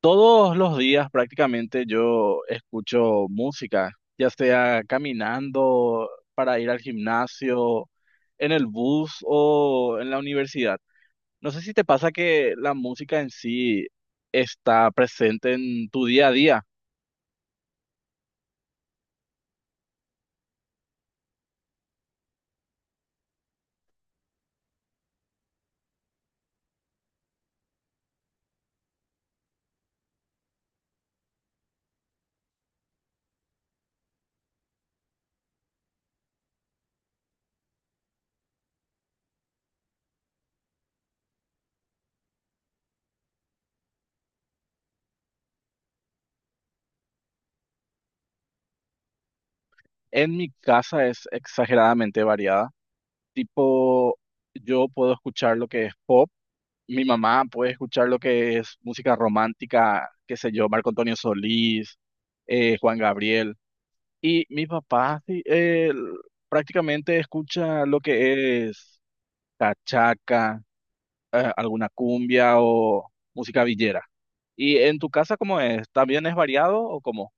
Todos los días prácticamente yo escucho música, ya sea caminando para ir al gimnasio, en el bus o en la universidad. No sé si te pasa que la música en sí está presente en tu día a día. En mi casa es exageradamente variada. Tipo, yo puedo escuchar lo que es pop, mi mamá puede escuchar lo que es música romántica, qué sé yo, Marco Antonio Solís, Juan Gabriel. Y mi papá sí, él prácticamente escucha lo que es cachaca, alguna cumbia o música villera. ¿Y en tu casa cómo es? ¿También es variado o cómo?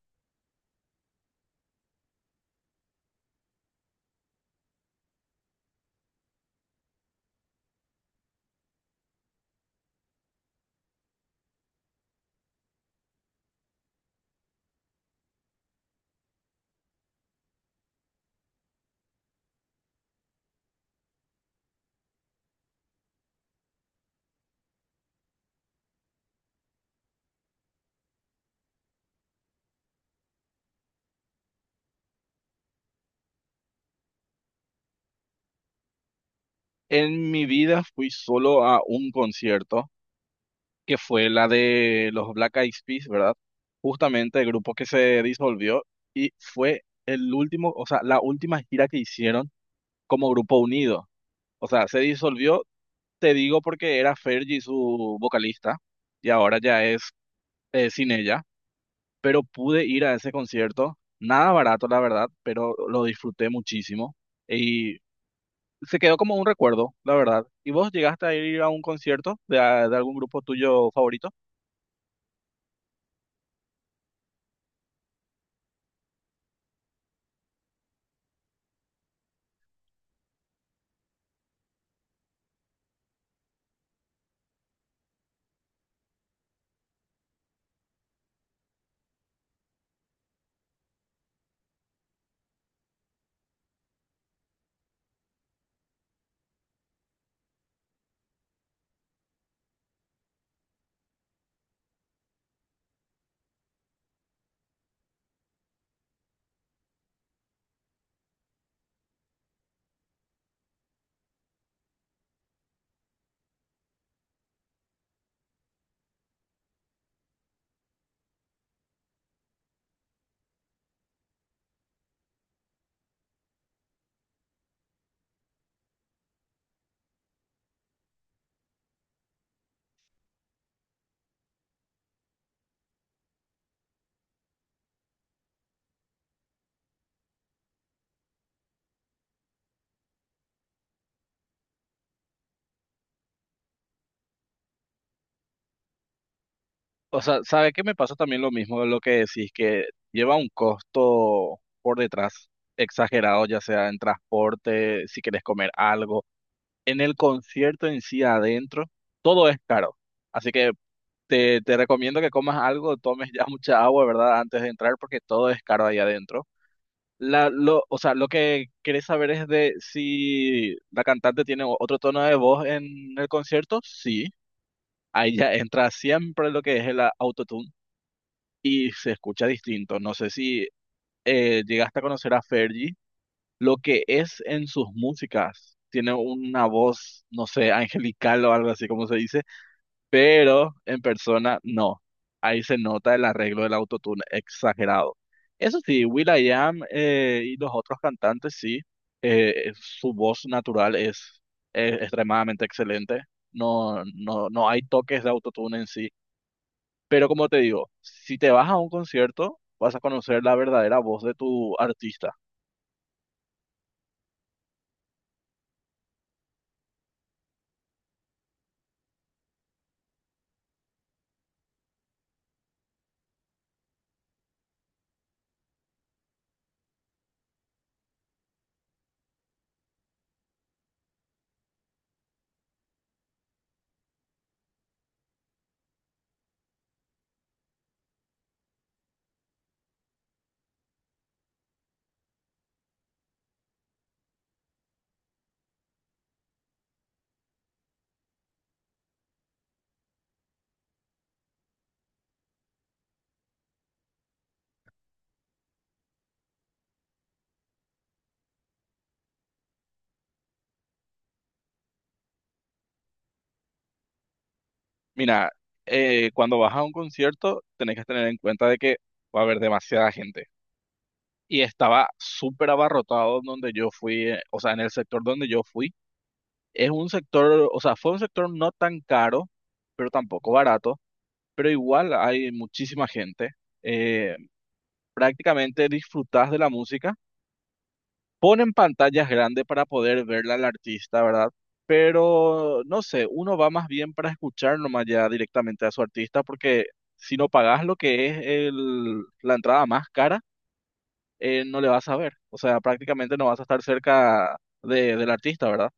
En mi vida fui solo a un concierto, que fue la de los Black Eyed Peas, ¿verdad? Justamente el grupo que se disolvió y fue el último, o sea, la última gira que hicieron como grupo unido. O sea, se disolvió. Te digo porque era Fergie su vocalista y ahora ya es sin ella, pero pude ir a ese concierto, nada barato la verdad, pero lo disfruté muchísimo y se quedó como un recuerdo, la verdad. ¿Y vos llegaste a ir a un concierto de, de algún grupo tuyo favorito? O sea, sabe qué me pasa también lo mismo de lo que decís, que lleva un costo por detrás exagerado, ya sea en transporte, si querés comer algo en el concierto en sí adentro, todo es caro. Así que te recomiendo que comas algo, tomes ya mucha agua, ¿verdad? Antes de entrar, porque todo es caro ahí adentro. O sea, lo que querés saber es de si la cantante tiene otro tono de voz en el concierto. Sí, ahí ya entra siempre lo que es el autotune y se escucha distinto. No sé si llegaste a conocer a Fergie, lo que es en sus músicas. Tiene una voz, no sé, angelical o algo así como se dice, pero en persona no. Ahí se nota el arreglo del autotune exagerado. Eso sí, will.i.am y los otros cantantes sí, su voz natural es extremadamente excelente. No hay toques de autotune en sí. Pero como te digo, si te vas a un concierto, vas a conocer la verdadera voz de tu artista. Mira, cuando vas a un concierto, tenés que tener en cuenta de que va a haber demasiada gente y estaba súper abarrotado donde yo fui, o sea, en el sector donde yo fui. Es un sector, o sea, fue un sector no tan caro, pero tampoco barato, pero igual hay muchísima gente. Eh, prácticamente disfrutás de la música. Ponen pantallas grandes para poder verla al artista, ¿verdad? Pero no sé, uno va más bien para escuchar nomás ya directamente a su artista, porque si no pagás lo que es la entrada más cara, no le vas a ver. O sea, prácticamente no vas a estar cerca de, del artista, ¿verdad?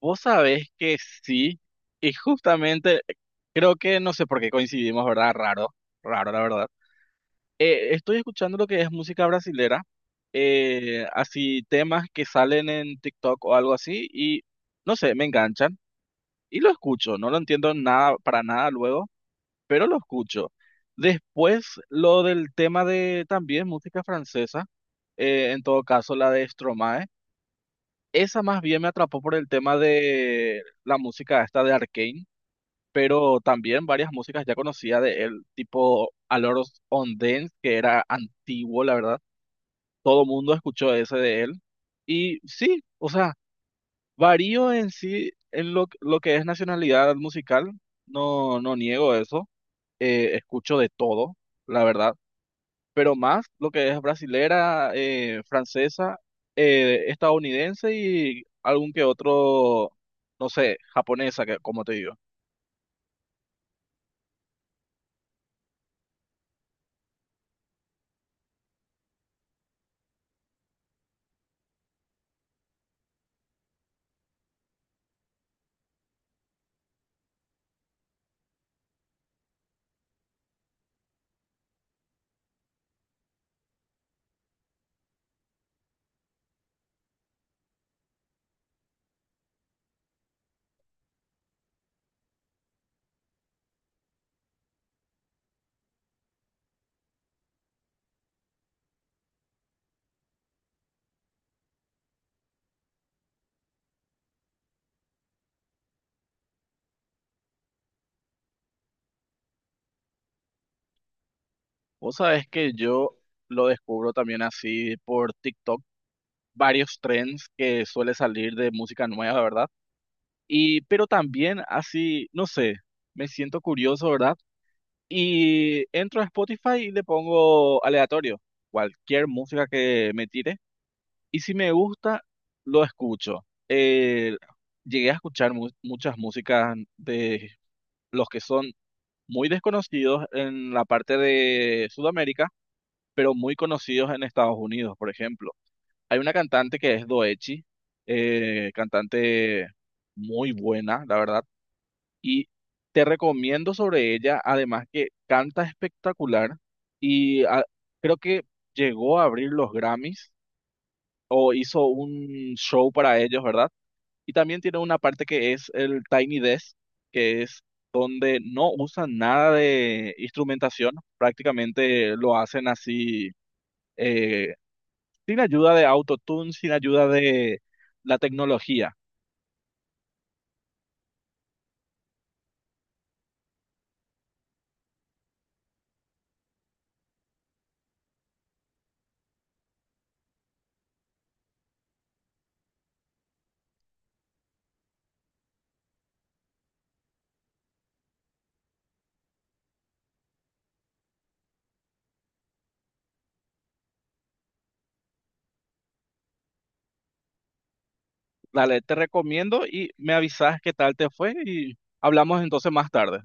Vos sabés que sí, y justamente creo que no sé por qué coincidimos, ¿verdad? Raro, raro, la verdad. Estoy escuchando lo que es música brasilera, así temas que salen en TikTok o algo así, y no sé, me enganchan. Y lo escucho, no lo entiendo nada, para nada luego, pero lo escucho. Después, lo del tema de también música francesa, en todo caso la de Stromae, esa más bien me atrapó por el tema de la música esta de Arcane, pero también varias músicas ya conocía de él, tipo Aloros on Dance, que era antiguo, la verdad. Todo mundo escuchó ese de él. Y sí, o sea, varío en sí en lo que es nacionalidad musical, no, no niego eso, escucho de todo, la verdad, pero más lo que es brasilera, francesa, estadounidense y algún que otro, no sé, japonesa, que, como te digo. Vos sabés que yo lo descubro también así por TikTok, varios trends que suele salir de música nueva, ¿verdad? Y, pero también así, no sé, me siento curioso, ¿verdad? Y entro a Spotify y le pongo aleatorio, cualquier música que me tire. Y si me gusta, lo escucho. Llegué a escuchar muchas músicas de los que son muy desconocidos en la parte de Sudamérica, pero muy conocidos en Estados Unidos, por ejemplo. Hay una cantante que es Doechi, cantante muy buena, la verdad. Y te recomiendo sobre ella, además que canta espectacular y ah, creo que llegó a abrir los Grammys o hizo un show para ellos, ¿verdad? Y también tiene una parte que es el Tiny Desk, que es donde no usan nada de instrumentación, prácticamente lo hacen así, eh, sin ayuda de autotune, sin ayuda de la tecnología. Dale, te recomiendo y me avisas qué tal te fue y hablamos entonces más tarde.